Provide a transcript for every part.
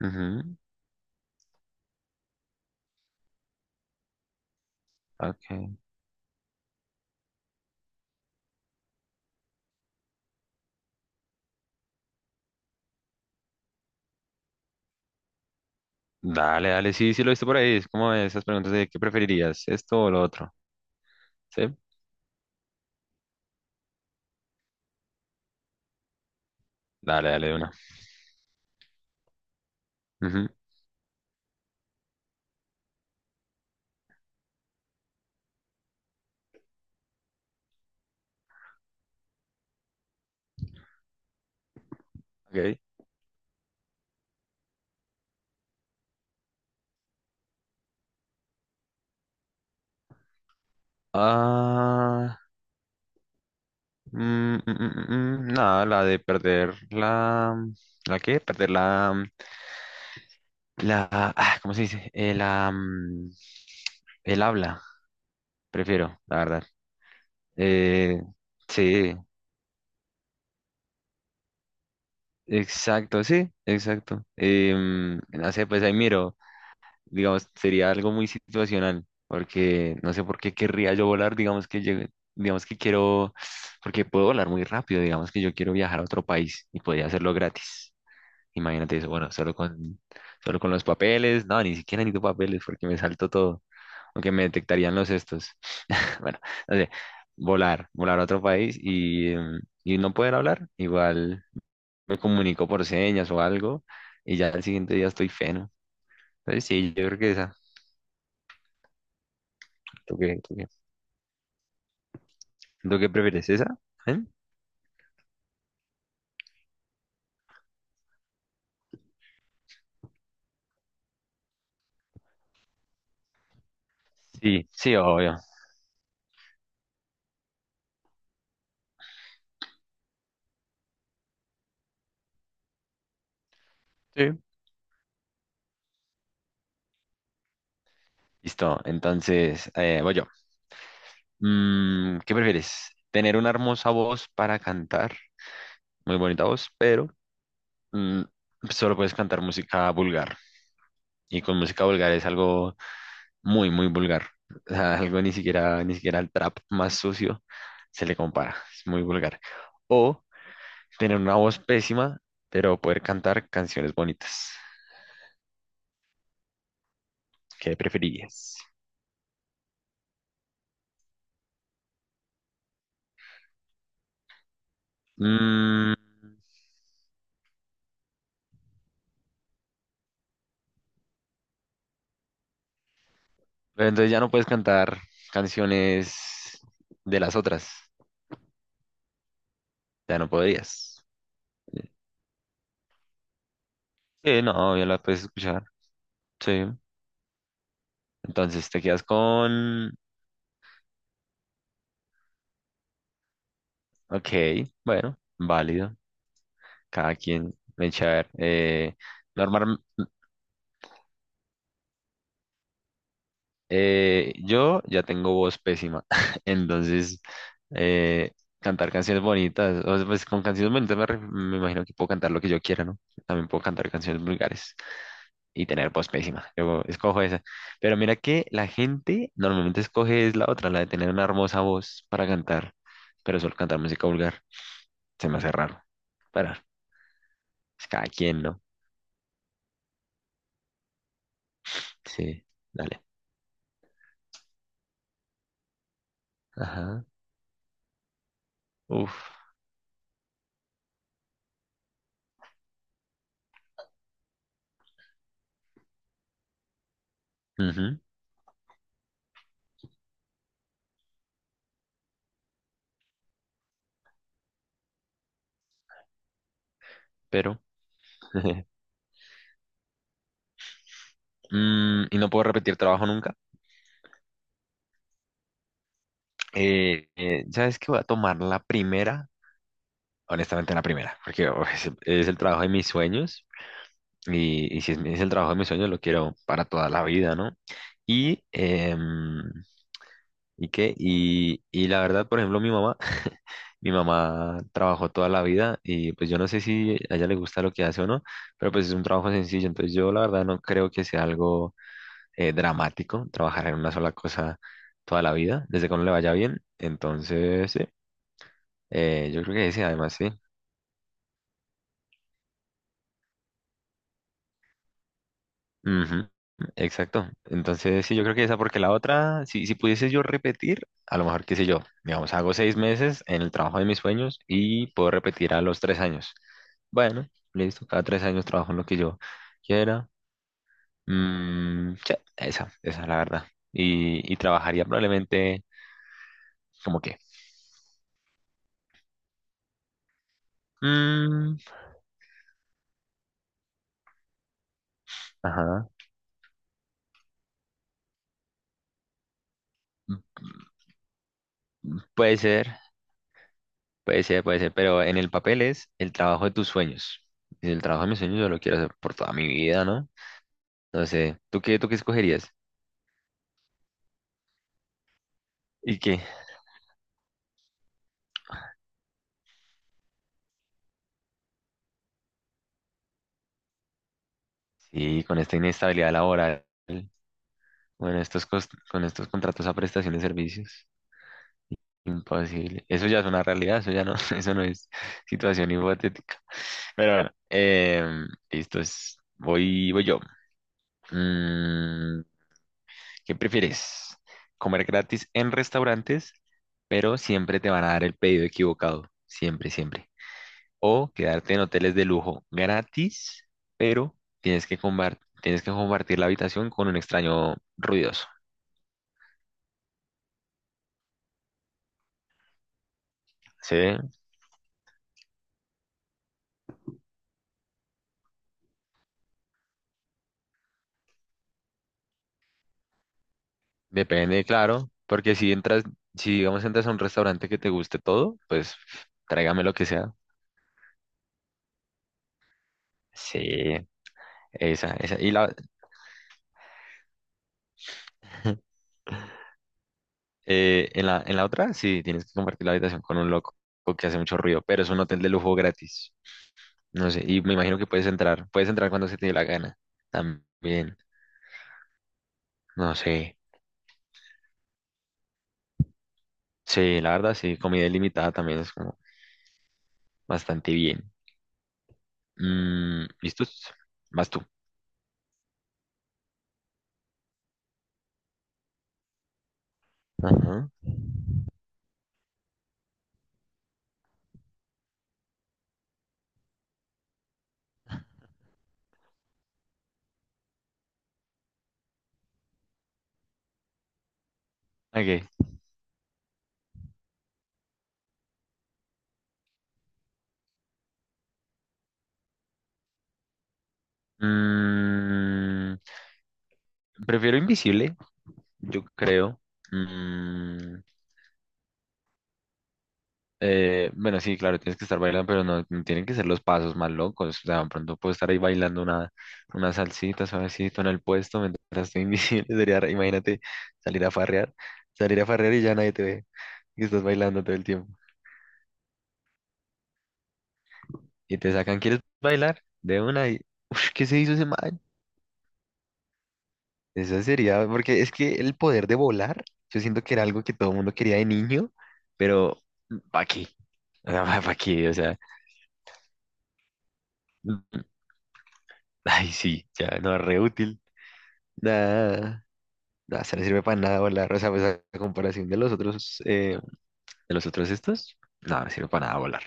Ujú, ok. Dale, dale, sí, sí lo viste por ahí. Es como esas preguntas de qué preferirías, esto o lo otro. ¿Sí? Dale, dale, de una. Ujú, ok. Ah, mm, nada, la de perder la. ¿La qué? Perder la. La. Ah, ¿cómo se dice? La, el habla, prefiero, la verdad. Eh, sí, exacto, sí, exacto. No sé, pues ahí miro. Digamos, sería algo muy situacional, porque no sé por qué querría yo volar, digamos que quiero, porque puedo volar muy rápido, digamos que yo quiero viajar a otro país y podría hacerlo gratis. Imagínate eso, bueno, solo con los papeles, no, ni siquiera necesito papeles porque me salto todo, aunque me detectarían los estos. Bueno, no sé, volar, volar a otro país y no poder hablar, igual me comunico por señas o algo y ya al siguiente día estoy feno. Entonces sí, yo creo que esa. Tú qué ¿Lo que prefieres? ¿Esa? ¿Eh? Sí, sí, obvio. Sí. Listo, entonces voy yo. ¿Qué prefieres? ¿Tener una hermosa voz para cantar? Muy bonita voz, pero mm, solo puedes cantar música vulgar. Y con música vulgar es algo muy, muy vulgar. O sea, algo ni siquiera, ni siquiera el trap más sucio se le compara. Es muy vulgar. O tener una voz pésima, pero poder cantar canciones bonitas. ¿Qué preferirías? Mm, Pero entonces ya no puedes cantar canciones de las otras. Ya no podrías. Sí, no, ya la puedes escuchar. Sí. Entonces te quedas con. Ok, bueno, válido. Cada quien. Ven, a ver. Normal. Yo ya tengo voz pésima. Entonces, eh, cantar canciones bonitas. O sea, pues con canciones bonitas me imagino que puedo cantar lo que yo quiera, ¿no? También puedo cantar canciones vulgares. Y tener voz pésima. Yo escojo esa. Pero mira que la gente normalmente escoge es la otra, la de tener una hermosa voz para cantar, pero solo cantar música vulgar. Se me hace raro. Pero es cada quien, ¿no? Sí, dale. Ajá. Uf. Ujú, pero. Y no puedo repetir trabajo nunca. ¿Sabes qué? Voy a tomar la primera. Honestamente, la primera, porque uf, es el trabajo de mis sueños, Y si es el trabajo de mis sueños, lo quiero para toda la vida, ¿no? Y, em, ¿y qué? Y la verdad, por ejemplo, mi mamá, mi mamá trabajó toda la vida y pues yo no sé si a ella le gusta lo que hace o no, pero pues es un trabajo sencillo, entonces yo la verdad no creo que sea algo dramático trabajar en una sola cosa toda la vida, desde que uno le vaya bien, entonces sí, yo creo que sí, además sí. Ujú, exacto. Entonces, sí, yo creo que esa, porque la otra, si pudiese yo repetir, a lo mejor, qué sé yo, digamos, hago 6 meses en el trabajo de mis sueños y puedo repetir a los 3 años. Bueno, listo, cada 3 años trabajo en lo que yo quiera. Mm, sí, esa es la verdad. Y trabajaría probablemente, como que, mm, ajá, puede ser, puede ser, puede ser, pero en el papel es el trabajo de tus sueños. Y el trabajo de mis sueños yo lo quiero hacer por toda mi vida, ¿no? No sé, tú qué escogerías? ¿Y qué? Sí, con esta inestabilidad laboral, bueno, con estos contratos a prestación de servicios, imposible. Eso ya es una realidad, eso ya no, eso no es situación hipotética. Pero bueno, listo, voy yo. Mm, ¿qué prefieres? ¿Comer gratis en restaurantes, pero siempre te van a dar el pedido equivocado? Siempre, siempre. O quedarte en hoteles de lujo gratis, pero tienes que compartir la habitación con un extraño ruidoso. Sí, depende, claro, porque si entras, si digamos entras a un restaurante que te guste todo, pues tráigame lo que sea. Sí, esa, esa. En la otra, sí, tienes que compartir la habitación con un loco que hace mucho ruido, pero es un hotel de lujo gratis. No sé, y me imagino que puedes entrar cuando se te dé la gana. También, no sé. Sí, la verdad, sí, comida ilimitada también es como bastante bien. ¿Listos? Vas tú. Ajá. Ok. Mm, prefiero invisible, yo creo. Mm, bueno, sí, claro, tienes que estar bailando, pero no, no tienen que ser los pasos más locos. O sea, de pronto puedo estar ahí bailando una salsita suavecito en el puesto mientras estoy invisible. Sería, re- imagínate salir a farrear, salir a farrear y ya nadie te ve y estás bailando todo el tiempo. Y te sacan, ¿quieres bailar? De una y, "Ush, ¿qué se hizo ese man? Esa sería, porque es que el poder de volar, yo siento que era algo que todo el mundo quería de niño, pero ¿para qué? O sea, ¿para qué? O sea, mm, ay, sí, ya no es re útil. Nada, nada, se no sirve para nada volar. O sea, pues a comparación de los otros estos, no, no sirve para nada volar.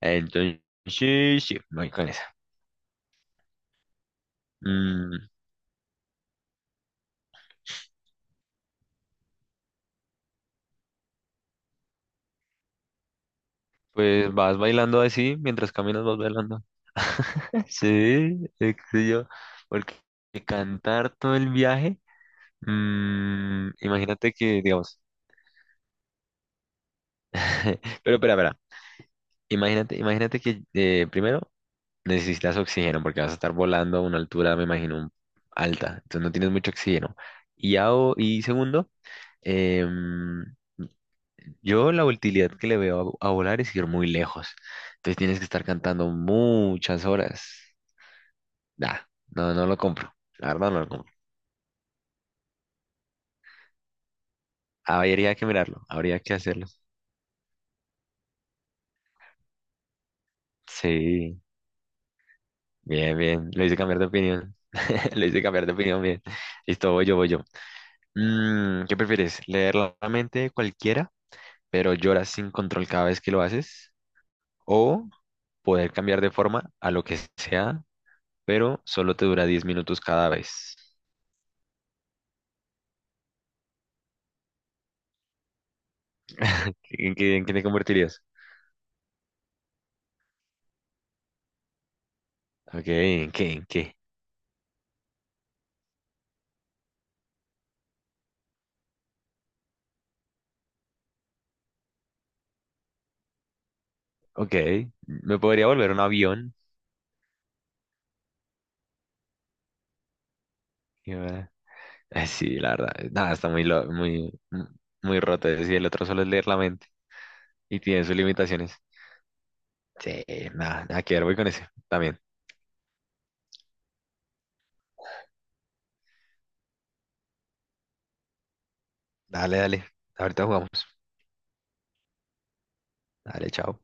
Entonces, sí, sí, me voy con esa. Mm, pues vas bailando así, mientras caminas vas bailando. Sí, es que yo, porque cantar todo el viaje, imagínate que, digamos, pero espera, espera, imagínate, imagínate que primero necesitas oxígeno porque vas a estar volando a una altura, me imagino, alta, entonces no tienes mucho oxígeno. Y, a- y segundo, em, yo la utilidad que le veo a volar es ir muy lejos, entonces tienes que estar cantando muchas horas. Nah, no, no lo compro, la verdad no lo compro. Habría que mirarlo, habría que hacerlo. Sí, bien, bien. Lo hice cambiar de opinión. Lo hice cambiar de opinión, bien. Listo, voy yo, voy yo. ¿Qué prefieres? ¿Leer la mente de cualquiera, pero lloras sin control cada vez que lo haces? ¿O poder cambiar de forma a lo que sea, pero solo te dura 10 minutos cada vez? En qué te convertirías? Ok, ¿en qué? ¿En qué? Ok, me podría volver un avión. Sí, la verdad. Nada, está muy, muy, muy roto. Es decir, el otro solo es leer la mente y tiene sus limitaciones. Sí, nada, nada que ver, voy con ese también. Dale, dale. Ahorita jugamos. Dale, chao.